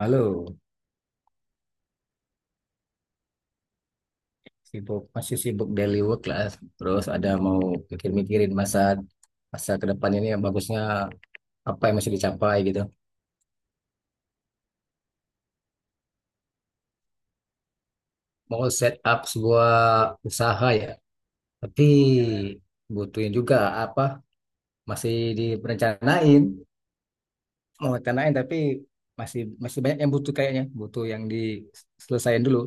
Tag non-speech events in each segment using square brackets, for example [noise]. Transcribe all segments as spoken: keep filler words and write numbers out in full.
Halo. Sibuk, masih sibuk daily work lah. Terus ada mau mikir-mikirin masa masa ke depan ini yang bagusnya apa yang masih dicapai gitu. Mau set up sebuah usaha ya, tapi butuhin juga apa masih direncanain, mau rencanain tapi masih masih banyak yang butuh kayaknya, butuh yang diselesaikan dulu.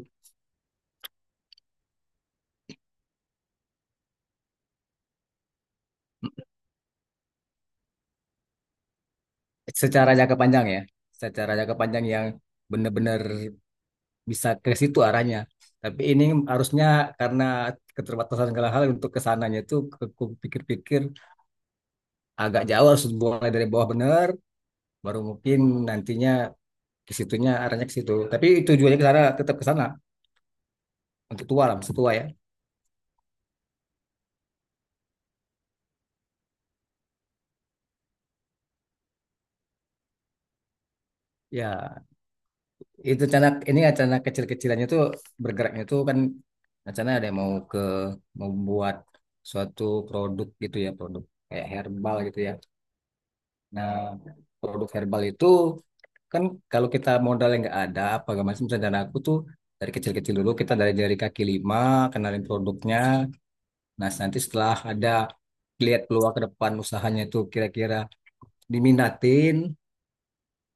Secara jangka panjang ya, secara jangka panjang yang benar-benar bisa ke situ arahnya. Tapi ini harusnya karena keterbatasan segala hal untuk kesananya itu ke- ku pikir-pikir agak jauh harus mulai dari bawah benar, baru mungkin nantinya ke situnya arahnya ke situ. Tapi tujuannya ke sana tetap ke sana untuk tua lah, masa tua ya. Ya, itu rencana ini rencana kecil-kecilannya tuh bergeraknya tuh kan, rencana ada yang mau ke membuat suatu produk gitu ya, produk kayak herbal gitu ya. Nah, produk herbal itu kan kalau kita modalnya nggak ada apa nggak macam misalnya, dan aku tuh dari kecil-kecil dulu kita dari dari kaki lima kenalin produknya. Nah nanti setelah ada lihat peluang ke depan usahanya itu kira-kira diminatin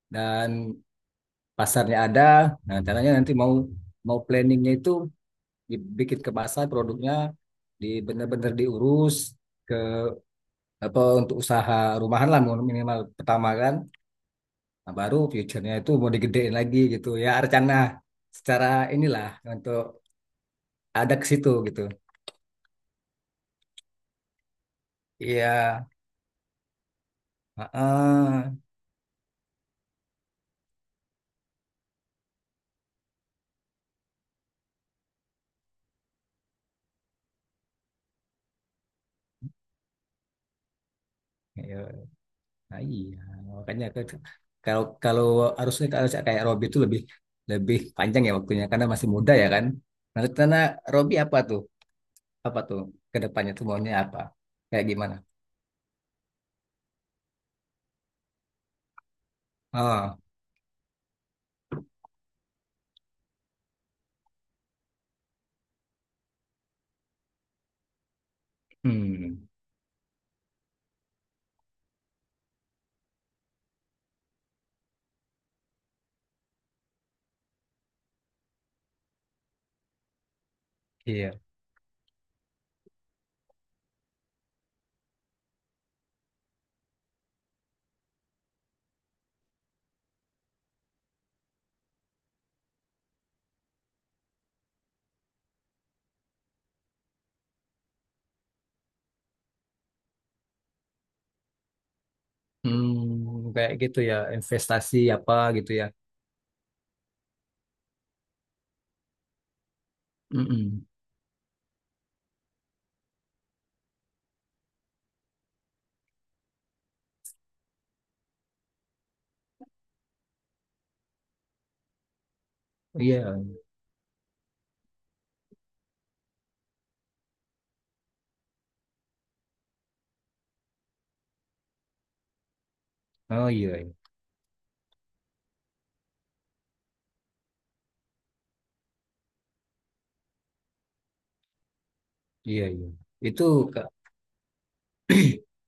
dan pasarnya ada. Nah caranya nanti mau mau planningnya itu dibikin ke pasar produknya, di bener-bener diurus ke apa, untuk usaha rumahan lah minimal pertama kan. Nah, baru future-nya itu mau digedein lagi gitu ya rencana secara inilah untuk ada ke situ gitu. Iya, heeh. Iya. Nah, iya. Makanya ke- kalau kalau harusnya kalau kayak Robby itu lebih lebih panjang ya waktunya karena masih muda ya kan. Nah, rencana Robby apa tuh? Apa tuh ke depannya tuh maunya apa? Kayak gimana? Oh. Hmm. Iya. Hmm, kayak gitu ya investasi apa gitu ya. Mm-mm. Iya. Oh iya, iya. Iya, iya. Itu Kak. [clears throat]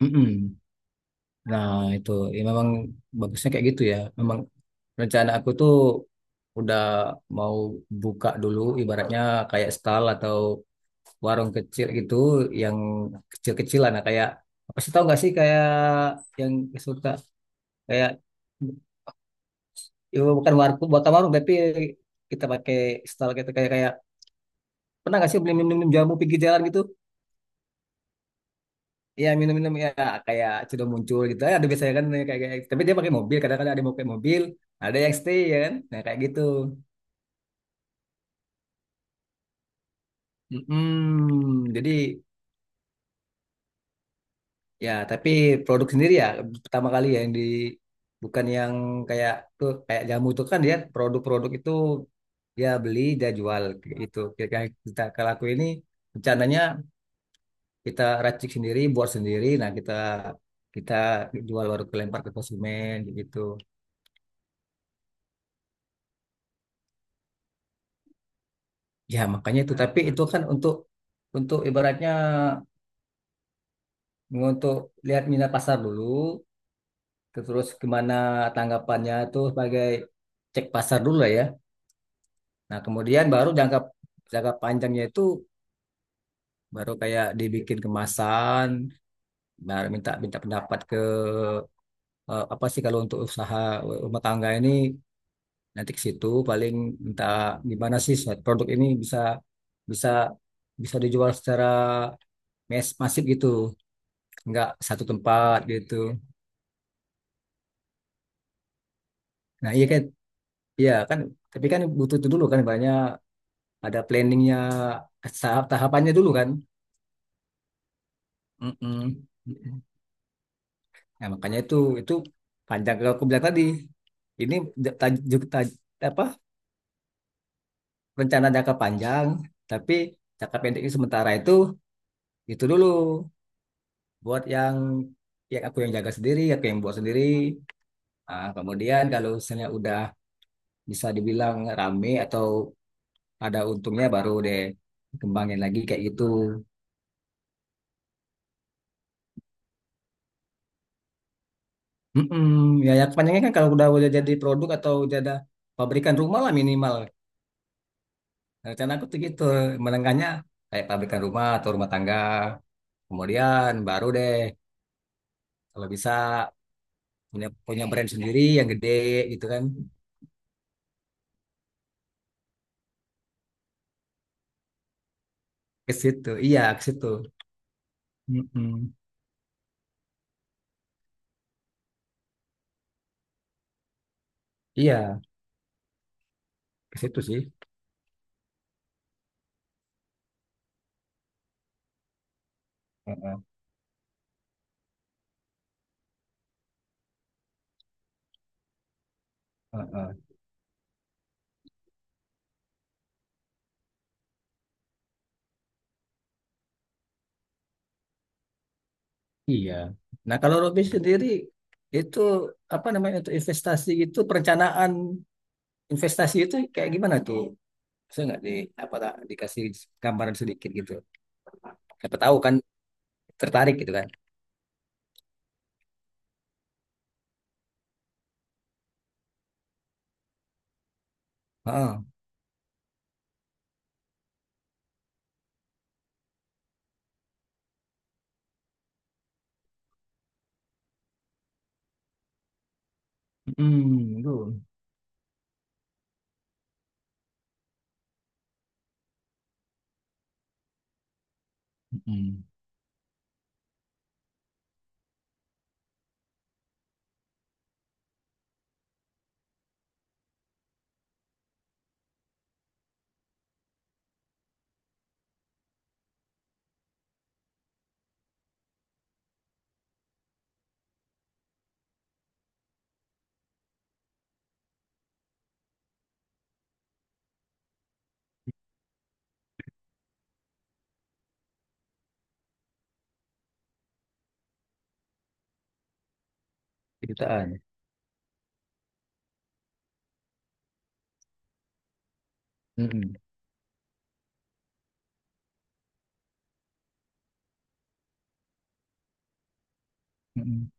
Mm-mm. Nah, itu ya memang bagusnya kayak gitu ya. Memang rencana aku tuh udah mau buka dulu ibaratnya kayak stall atau warung kecil gitu yang kecil-kecilan. Nah kayak apa sih, tau gak sih kayak yang suka kayak, ya bukan warung, bukan warung, tapi kita pakai stall gitu kayak, kayak pernah gak sih beli minum, minum jamu pinggir jalan gitu? Iya, minum-minum ya kayak sudah muncul gitu. Eh, Ada biasanya kan kayak, kayak tapi dia pakai mobil. Kadang-kadang ada yang pakai mobil, ada yang stay ya kan. Nah kayak gitu. Mm-mm. Jadi ya tapi produk sendiri ya pertama kali ya yang di bukan yang kayak tuh, kayak jamu tuh kan dia produk-produk itu dia beli dia jual kayak gitu. Kayak kita, kalau aku ini rencananya kita racik sendiri, buat sendiri. Nah kita kita jual baru kelempar ke konsumen kayak gitu. Ya, makanya itu. Tapi itu kan untuk untuk ibaratnya untuk lihat minat pasar dulu, terus gimana tanggapannya itu sebagai cek pasar dulu lah ya. Nah, kemudian baru jangka jangka panjangnya itu baru kayak dibikin kemasan, baru minta minta pendapat ke, eh, apa sih kalau untuk usaha rumah tangga ini nanti ke situ paling minta gimana sih produk ini bisa bisa bisa dijual secara mass- masif gitu. Nggak satu tempat gitu. Nah iya kan, iya kan, tapi kan butuh itu dulu kan banyak ada planningnya, tahap tahapannya dulu kan. Mm-mm. Nah makanya itu itu panjang kalau aku bilang tadi ini j- taj- j- taj- apa, rencana jangka panjang, tapi jangka pendek ini sementara itu itu dulu buat yang ya aku yang jaga sendiri, aku yang buat sendiri. Nah, kemudian kalau misalnya udah bisa dibilang rame atau ada untungnya baru deh kembangin lagi kayak gitu. Mm-mm. Ya, ya, kepanjangnya kan kalau udah udah jadi produk atau udah ada pabrikan rumah lah minimal. Nah, Rencana aku tuh gitu, menengahnya kayak pabrikan rumah atau rumah tangga. Kemudian baru deh kalau bisa punya punya brand sendiri yang gede gitu kan. Ke situ. Iya, ke situ. Mm-mm. Iya, ke situ sih. Heeh, heeh. Iya. Nah, kalau Robby sendiri itu apa namanya, untuk investasi gitu perencanaan. Investasi itu kayak gimana tuh? Bisa nggak di apa tak dikasih gambaran sedikit gitu? Siapa tahu kan tertarik gitu kan? Heeh. Mm, itu. Mm, jutaan. Mm, mm,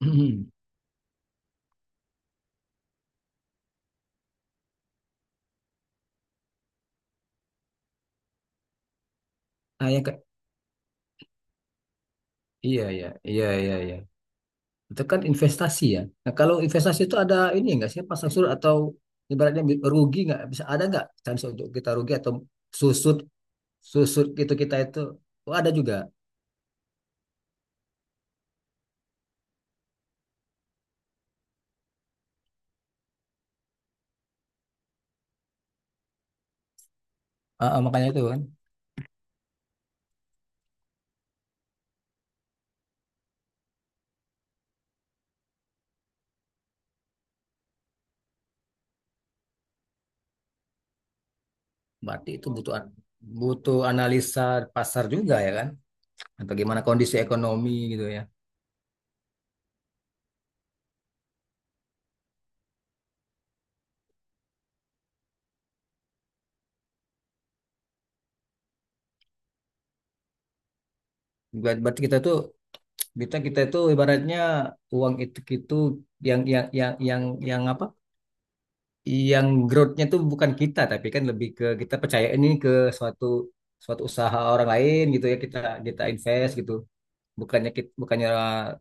mm. [clears throat] Ah, ya, Kak. Iya, iya, iya, iya, iya. Itu kan investasi ya. Nah, kalau investasi itu ada ini nggak sih pasang surut atau ibaratnya rugi nggak? Bisa ada nggak chance untuk kita rugi atau susut susut gitu kita itu? Oh, ada juga. Ah, ah, makanya itu kan. Berarti itu butuh an- butuh analisa pasar juga ya kan? Bagaimana kondisi ekonomi gitu ya. Ber- Berarti kita tuh kita kita itu ibaratnya uang itu itu yang yang yang yang yang apa? Yang growth-nya tuh bukan kita tapi kan lebih ke kita percaya ini ke suatu suatu usaha orang lain gitu ya kita kita invest gitu. Bukannya kita, bukannya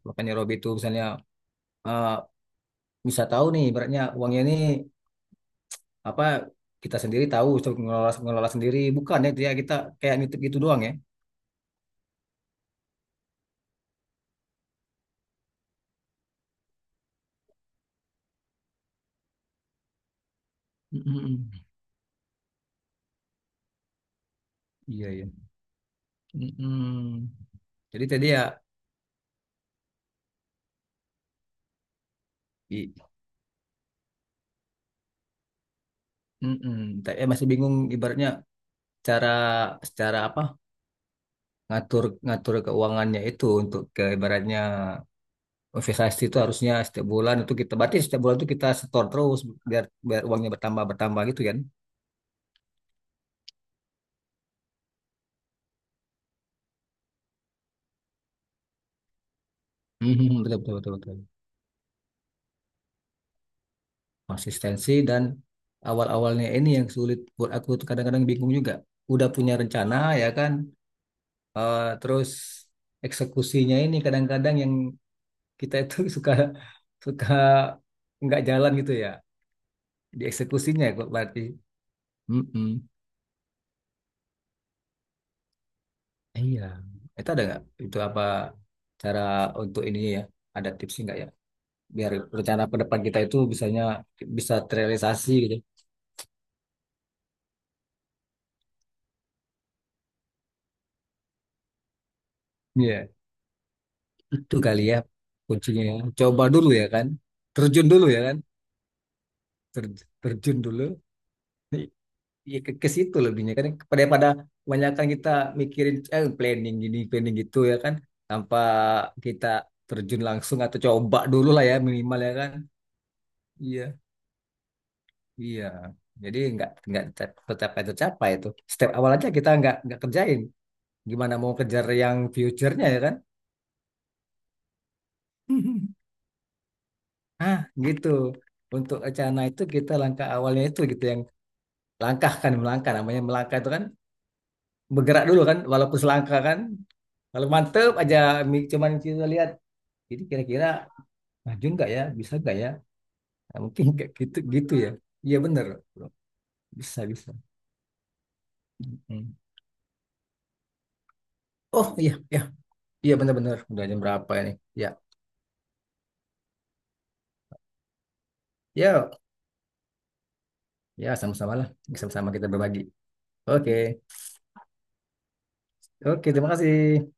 bukannya Robi itu misalnya eh bisa tahu nih ibaratnya uangnya ini apa, kita sendiri tahu untuk ngelola ngelola sendiri, bukan ya dia kita kayak nitip gitu doang ya. Mm-mm. Iya ya, jadi tadi ya i- mm-mm. Tapi ya masih bingung ibaratnya cara secara apa ngatur ngatur keuangannya itu untuk ke ibaratnya investasi itu harusnya setiap bulan itu kita, berarti setiap bulan itu kita setor terus biar biar uangnya bertambah bertambah gitu kan. Mm-mm. Betul, betul, betul, betul. Konsistensi dan awal-awalnya ini yang sulit buat aku tuh kadang-kadang bingung juga. Udah punya rencana ya kan, eh, terus eksekusinya ini kadang-kadang yang kita itu [laughs] suka suka nggak jalan gitu ya, di eksekusinya ya, kok berarti. Mm-mm. Iya, itu ada nggak? Itu apa, cara untuk ini ya? Ada tips nggak ya? Biar rencana ke depan kita itu bisanya bisa terrealisasi gitu. Iya. Itu kali ya kuncinya, ya. Coba dulu ya kan. Terjun dulu ya kan. Ter- terjun dulu. Ya ke, ke situ lebihnya kan. Pada pada kebanyakan kita mikirin eh, planning gini, planning gitu ya kan. Tanpa kita terjun langsung atau coba dulu lah ya minimal ya kan. Iya, iya. Jadi nggak nggak tercapai tercapai itu. Step awal aja kita nggak nggak kerjain. Gimana mau kejar yang future-nya ya kan? [laughs] Ah, gitu. Untuk rencana itu kita langkah awalnya itu gitu yang langkah kan, melangkah namanya melangkah itu kan bergerak dulu kan walaupun selangkah kan, kalau mantep aja mi- cuman kita lihat jadi kira-kira maju nggak ya, bisa nggak ya. Nah, mungkin [laughs] kayak gitu gitu ya, iya bener bro. Bisa bisa. Mm. Oh iya, iya, iya, bener-bener udah jam berapa ini ya. Ya, ya, sama-sama lah, sama-sama kita berbagi. Oke, oke, terima kasih.